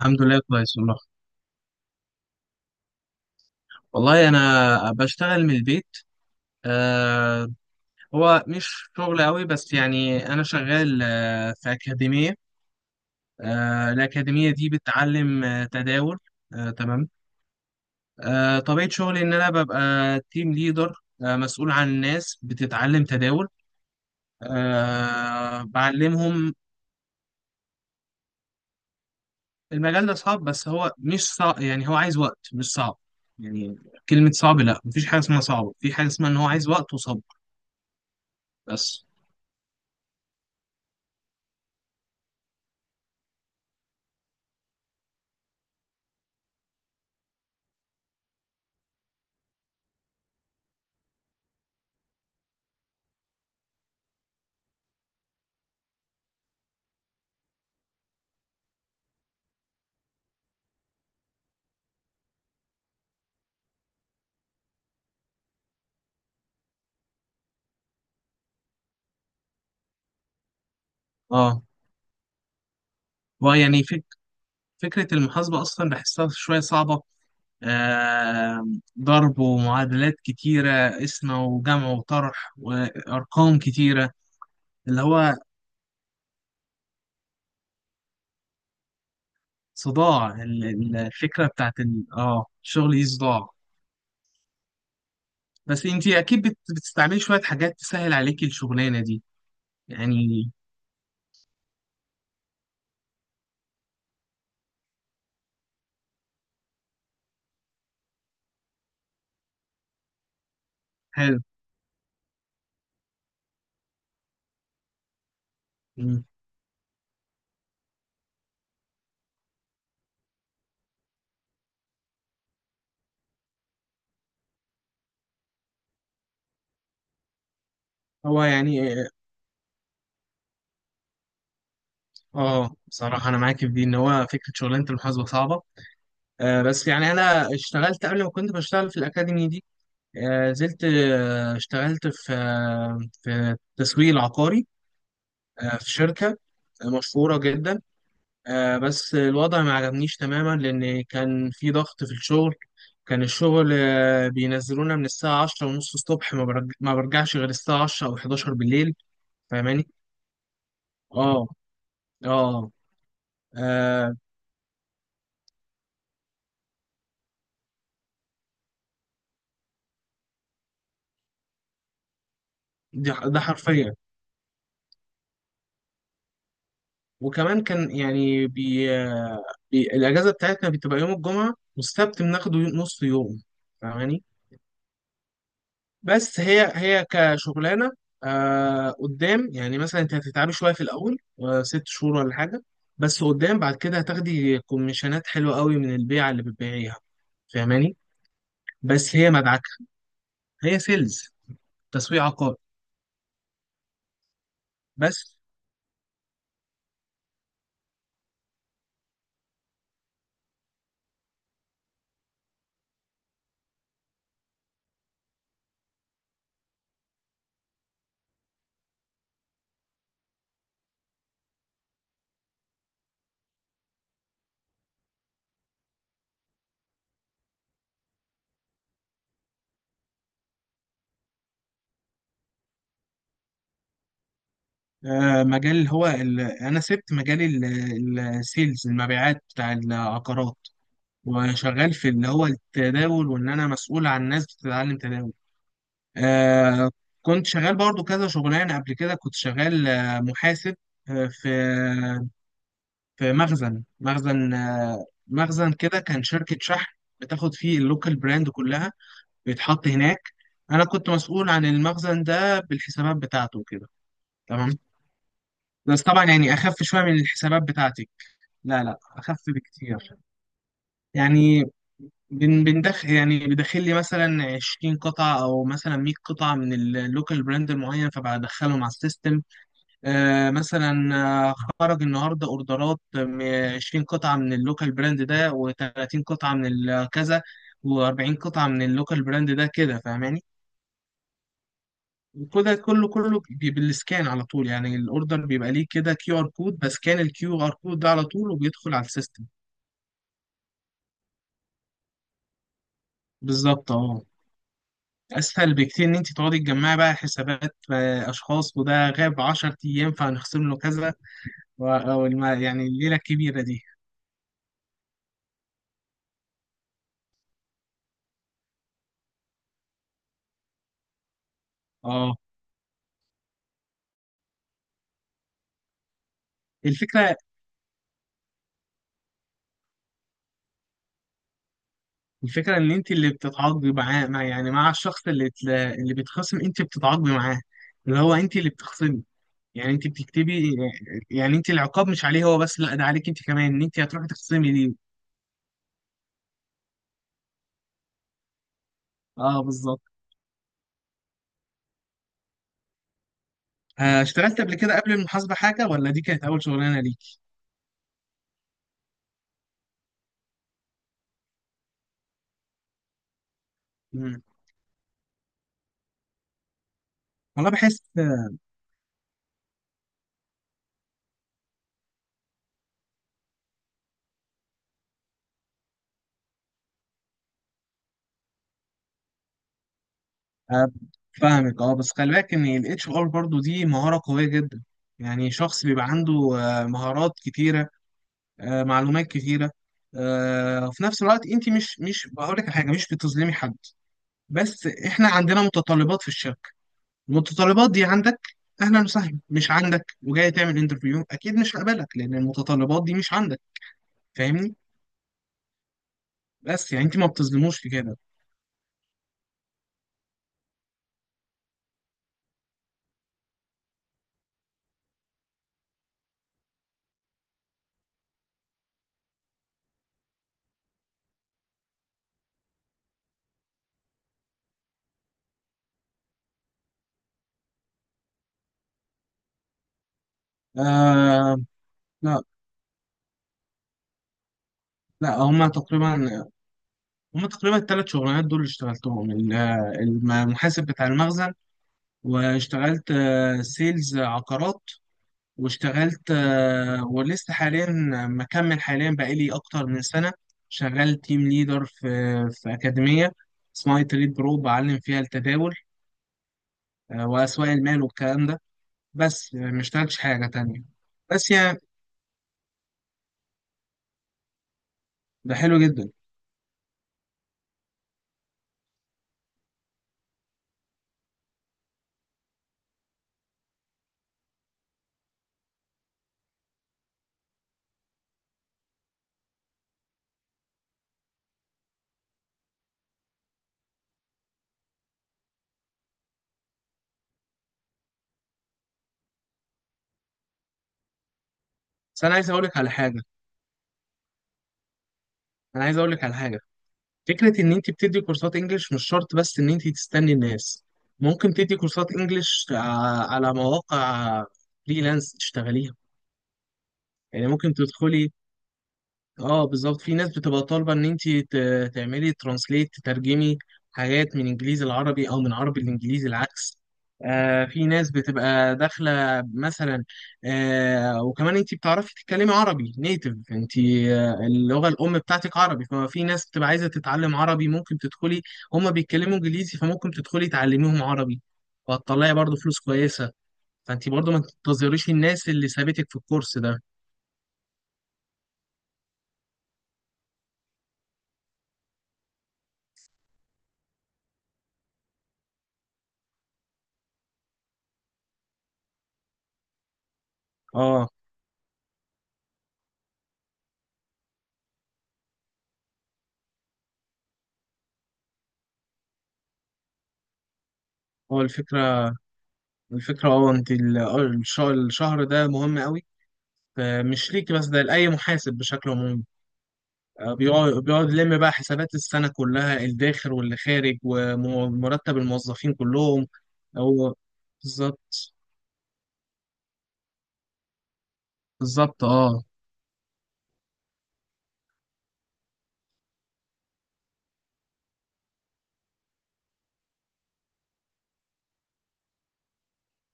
الحمد لله كويس والله. والله انا بشتغل من البيت. آه هو مش شغل قوي، بس يعني انا شغال في اكاديميه. الاكاديميه دي بتعلم تداول. تمام. طبيعه شغلي ان انا ببقى تيم ليدر، مسؤول عن ناس بتتعلم تداول. بعلمهم. المجال ده صعب، بس هو مش صعب، يعني هو عايز وقت مش صعب. يعني كلمه صعب لا، مفيش حاجه اسمها صعب، في حاجه اسمها ان هو عايز وقت وصبر. بس اه. ويعني فكرة المحاسبة أصلا بحسها شوية صعبة. آه... ضرب ومعادلات كتيرة، قسمة وجمع وطرح وأرقام كتيرة، اللي هو صداع. الفكرة بتاعت ال... آه الشغل دي صداع. بس أنت أكيد بتستعملي شوية حاجات تسهل عليكي الشغلانة دي، يعني. حلو. مم. هو يعني، بصراحة أنا معاكي في دي، إن هو فكرة شغلانة المحاسبة صعبة. بس يعني أنا اشتغلت قبل، ما كنت بشتغل في الأكاديمي دي. نزلت، اشتغلت في، في تسويق عقاري، في شركة مشهورة جدا. بس الوضع ما عجبنيش تماما لأن كان في ضغط في الشغل. كان الشغل بينزلونا من الساعة عشرة ونص الصبح، ما برجعش غير الساعة عشرة أو حداشر بالليل. فاهماني؟ اه، اه، آه، ده ده حرفيا. وكمان كان يعني الأجازة بتاعتنا بتبقى يوم الجمعة والسبت، بناخده نص يوم. فاهماني؟ بس هي كشغلانه، قدام يعني مثلا انت هتتعبي شويه في الاول، 6 شهور ولا حاجه، بس قدام بعد كده هتاخدي كوميشنات حلوه قوي من البيعه اللي بتبيعيها. فاهماني؟ بس هي مدعكه، هي سيلز، تسويق عقار. بس مجال اللي هو انا سبت مجال السيلز، المبيعات بتاع العقارات، وشغال في اللي هو التداول، وان انا مسؤول عن ناس بتتعلم تداول. آه كنت شغال برضو كذا شغلانة قبل كده. كنت شغال محاسب في، في مخزن مخزن كده، كان شركة شحن بتاخد فيه اللوكال براند كلها، بيتحط هناك. أنا كنت مسؤول عن المخزن ده بالحسابات بتاعته كده. تمام. بس طبعا يعني أخف شوية من الحسابات بتاعتي. لا لا، أخف بكتير. يعني بندخل يعني، بدخل لي مثلا 20 قطعة أو مثلا 100 قطعة من اللوكال براند المعين، فبدخلهم على السيستم. مثلا آه، خرج النهارده اوردرات من 20 قطعه من اللوكال براند ده، و30 قطعه من كذا، و40 قطعه من اللوكال براند ده، كده. فاهماني؟ وكده كله كله بالسكان على طول. يعني الاوردر بيبقى ليه كده كيو ار كود، بسكان الكيو ار كود ده على طول، وبيدخل على السيستم. بالظبط. اه، اسهل بكتير ان انت تقعدي تجمعي بقى حسابات اشخاص، وده غاب 10 ايام فهنخصم له كذا، يعني الليله الكبيره دي. اه. الفكرة الفكرة إن أنت اللي بتتعاقبي معاه، مع يعني مع الشخص اللي اللي بيتخصم أنت بتتعاقبي معاه، اللي هو أنت اللي بتخصمي، يعني أنت بتكتبي. يعني أنت العقاب مش عليه هو بس، لا، ده عليك أنت كمان، إن أنت هتروحي تخصمي ليه. أه بالظبط. اشتغلت قبل كده قبل المحاسبة حاجة، ولا دي كانت أول شغلانة ليك؟ مم. والله بحس. آه، فاهمك. أه بس خلي بالك إن ال HR برضه دي مهارة قوية جدا. يعني شخص بيبقى عنده مهارات كتيرة، معلومات كتيرة، وفي نفس الوقت انت مش بقول لك حاجه، مش بتظلمي حد. بس احنا عندنا متطلبات في الشركه، المتطلبات دي عندك اهلا وسهلا. مش عندك وجاي تعمل انترفيو، اكيد مش هقبلك لان المتطلبات دي مش عندك. فاهمني؟ بس يعني انت ما بتظلموش في كده. آه. لا، لا هما تقريبا الثلاث شغلانات دول اللي اشتغلتهم، المحاسب بتاع المخزن، واشتغلت سيلز عقارات، واشتغلت ولسه حاليا مكمل حاليا بقالي أكتر من سنة شغال تيم ليدر في، في أكاديمية اسمها تريد برو، بعلم فيها التداول وأسواق المال والكلام ده. بس يعني ما اشتغلتش حاجة تانية. بس يعني ده حلو جدا. بس أنا عايز أقولك على حاجة. فكرة إن أنت بتدي كورسات إنجليش مش شرط بس إن أنت تستني الناس، ممكن تدي كورسات إنجليش على مواقع فريلانس تشتغليها، يعني ممكن تدخلي. اه بالظبط، في ناس بتبقى طالبه ان انت تعملي ترانسليت، تترجمي حاجات من انجليزي العربي، او من عربي الانجليزي، العكس. في ناس بتبقى داخله مثلا. وكمان انت بتعرفي تتكلمي عربي نيتف، انت اللغه الام بتاعتك عربي، فما في ناس بتبقى عايزه تتعلم عربي، ممكن تدخلي. هما بيتكلموا انجليزي، فممكن تدخلي تعلميهم عربي، وهتطلعي برضو فلوس كويسه. فانت برضو ما تنتظريش الناس اللي سابتك في الكورس ده. اه هو الفكره، الفكرة اه انت الشهر ده مهم قوي، فمش ليك بس، ده لأي محاسب بشكل عمومي. اه. بيقعد يلم بقى حسابات السنة كلها، الداخل واللي خارج، ومرتب الموظفين كلهم. هو بالظبط، بالظبط اه.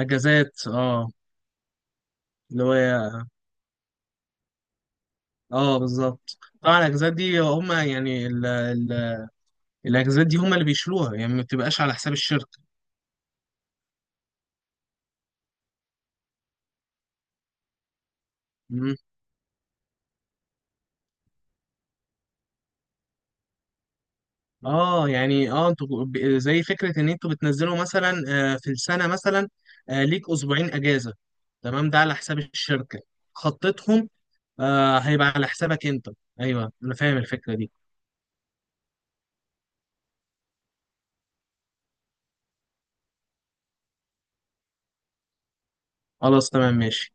اجازات اه، اللي هو اه، بالظبط طبعا الاجازات دي هم يعني الاجازات دي هم اللي بيشيلوها، يعني ما بتبقاش على حساب الشركة. اه، يعني اه انتوا زي فكره ان انتوا بتنزلوا مثلا في السنه مثلا ليك اسبوعين اجازه، تمام، ده على حساب الشركه، خطتهم. هيبقى على حسابك انت. ايوه انا فاهم الفكره دي. خلاص تمام ماشي.